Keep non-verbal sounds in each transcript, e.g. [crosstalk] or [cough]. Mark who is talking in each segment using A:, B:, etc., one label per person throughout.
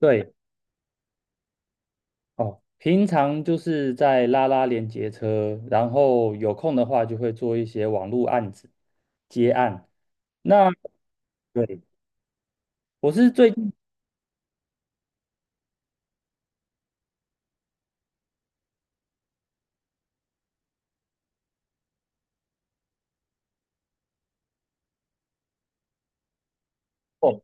A: 对。哦，平常就是在拉连接车，然后有空的话就会做一些网络案子接案。那对，我是最近哦，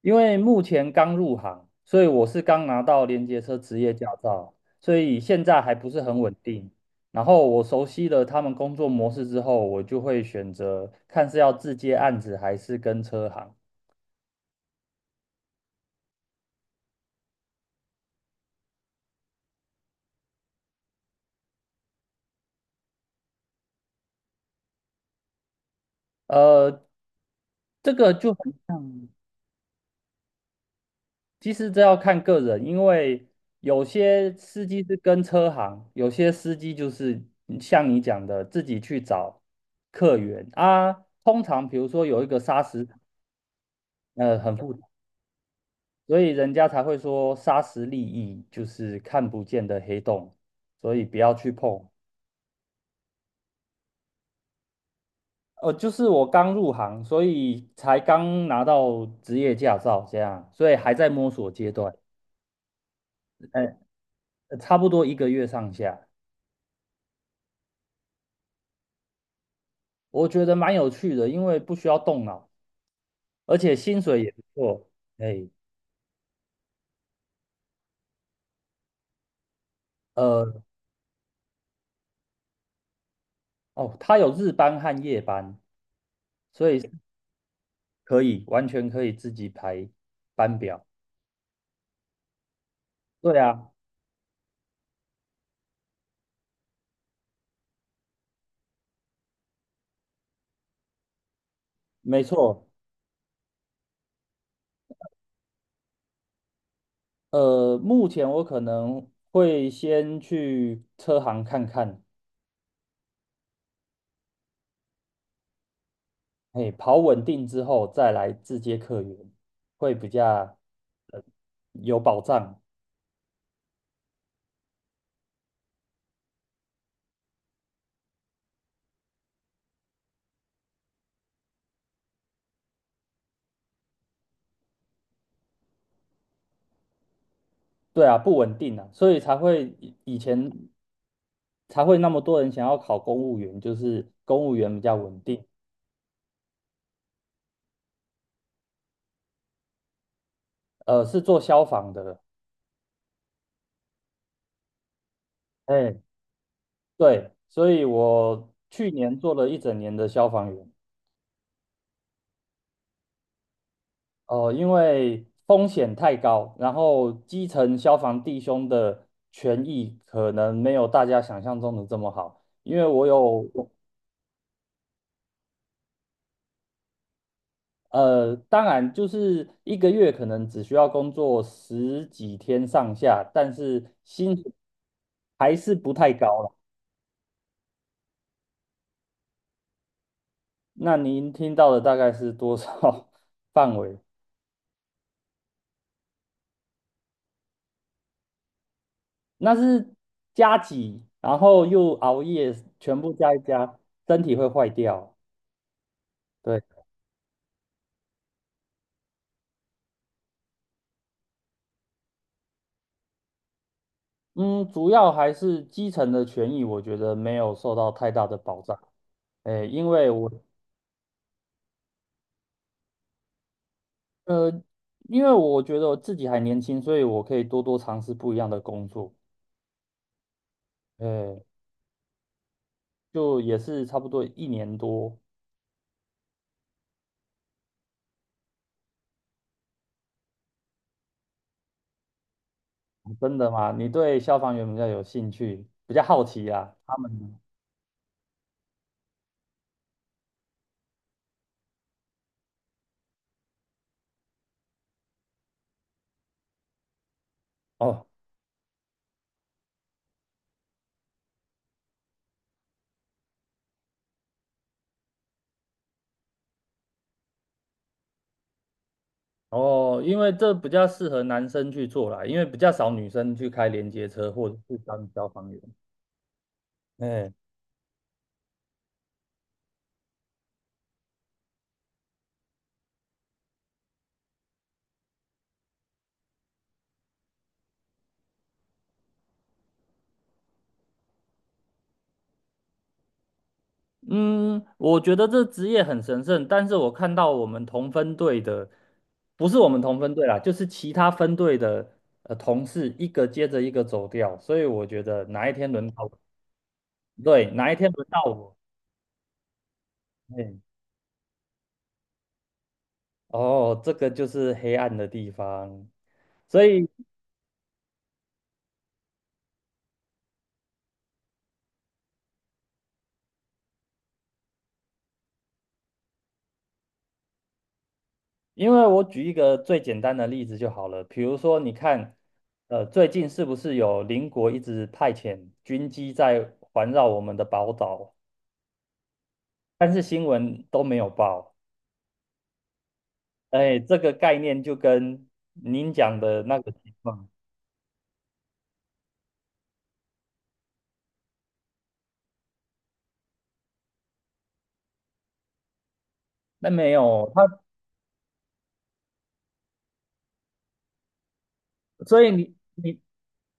A: 因为目前刚入行，所以我是刚拿到连接车职业驾照，所以现在还不是很稳定。然后我熟悉了他们工作模式之后，我就会选择看是要自接案子还是跟车行。呃，这个就很像。其实这要看个人，因为有些司机是跟车行，有些司机就是像你讲的自己去找客源啊。通常比如说有一个沙石，很复杂，所以人家才会说沙石利益就是看不见的黑洞，所以不要去碰。就是我刚入行，所以才刚拿到职业驾照，这样，所以还在摸索阶段。差不多一个月上下。我觉得蛮有趣的，因为不需要动脑，而且薪水也不错。哎。呃，哦，它有日班和夜班，所以是完全可以自己排班表。对啊，没错。目前我可能会先去车行看看。哎，跑稳定之后再来自接客源，会比较呃有保障。对啊，不稳定啊，所以才会以前才会那么多人想要考公务员，就是公务员比较稳定。是做消防的。哎，对，所以我去年做了一整年的消防员。因为风险太高，然后基层消防弟兄的权益可能没有大家想象中的这么好，因为我有。当然，就是一个月可能只需要工作十几天上下，但是薪水还是不太高啦。那您听到的大概是多少 [laughs] 范围？那是加几，然后又熬夜，全部加一加，身体会坏掉。对。嗯，主要还是基层的权益，我觉得没有受到太大的保障。诶，呃，因为我觉得我自己还年轻，所以我可以多多尝试不一样的工作。诶，就也是差不多一年多。真的吗？你对消防员比较有兴趣，比较好奇啊？他们呢哦。哦，因为这比较适合男生去做啦，因为比较少女生去开连接车或者是当消防员。哎。嗯，我觉得这职业很神圣，但是我看到我们同分队的，不是我们同分队啦，就是其他分队的同事一个接着一个走掉，所以我觉得哪一天轮到我对，哪一天轮到我。哎。哦，这个就是黑暗的地方，所以。因为我举一个最简单的例子就好了，比如说，你看，最近是不是有邻国一直派遣军机在环绕我们的宝岛，但是新闻都没有报。哎，这个概念就跟您讲的那个情况。那没有他，所以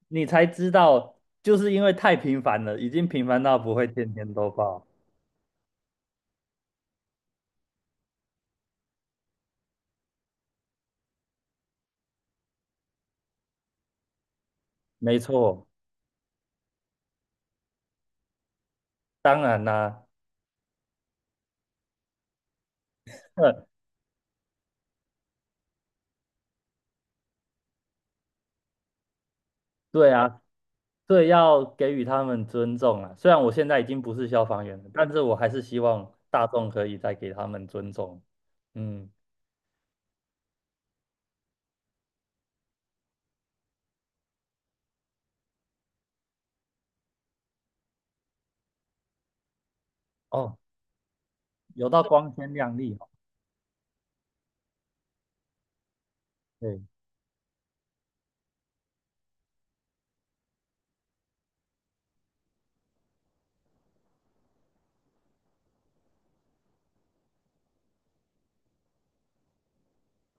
A: 你才知道，就是因为太频繁了，已经频繁到不会天天都报。没错，当然啦、[laughs] 对啊，对，要给予他们尊重啊。虽然我现在已经不是消防员了，但是我还是希望大众可以再给他们尊重。嗯。哦，有到光鲜亮丽哦。对。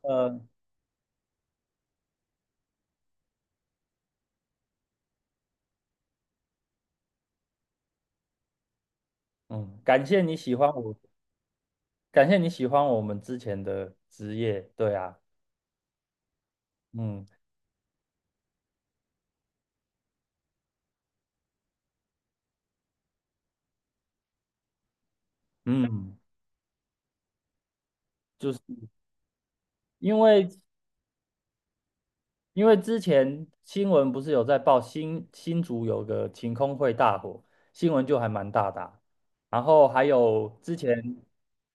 A: 呃，嗯，感谢你喜欢我，感谢你喜欢我们之前的职业。对啊，嗯嗯，就是因为因为之前新闻不是有在报新竹有个晴空会大火，新闻就还蛮大的啊，然后还有之前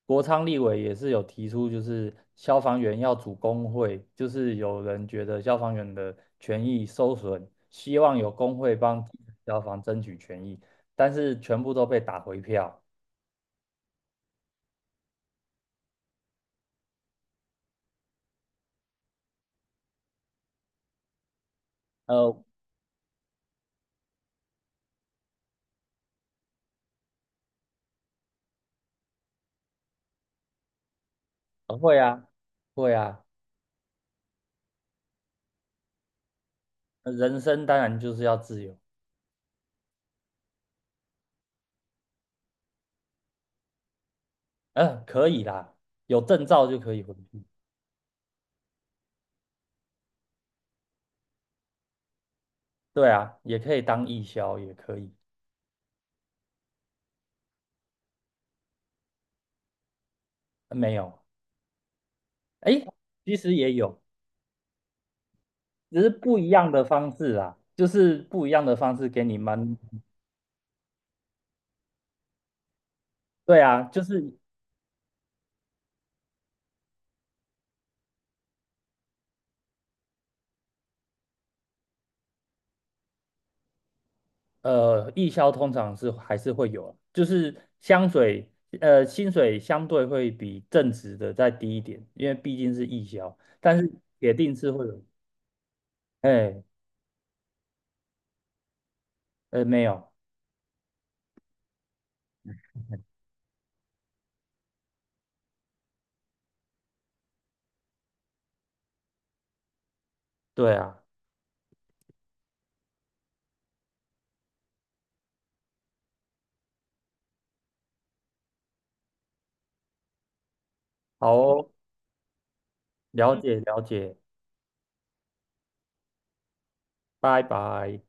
A: 国昌立委也是有提出，就是消防员要组工会，就是有人觉得消防员的权益受损，希望有工会帮基层消防争取权益，但是全部都被打回票。呃，会啊，会啊。人生当然就是要自由。嗯、可以啦，有证照就可以回去。对啊，也可以当义消，也可以。没有。诶，其实也有，只是不一样的方式啦，就是不一样的方式给你们。对啊，就是义消通常是还是会有，就是香水，薪水相对会比正职的再低一点，因为毕竟是义消，但是铁定是会有。哎。没有。对啊，好哦，了解了解，拜拜。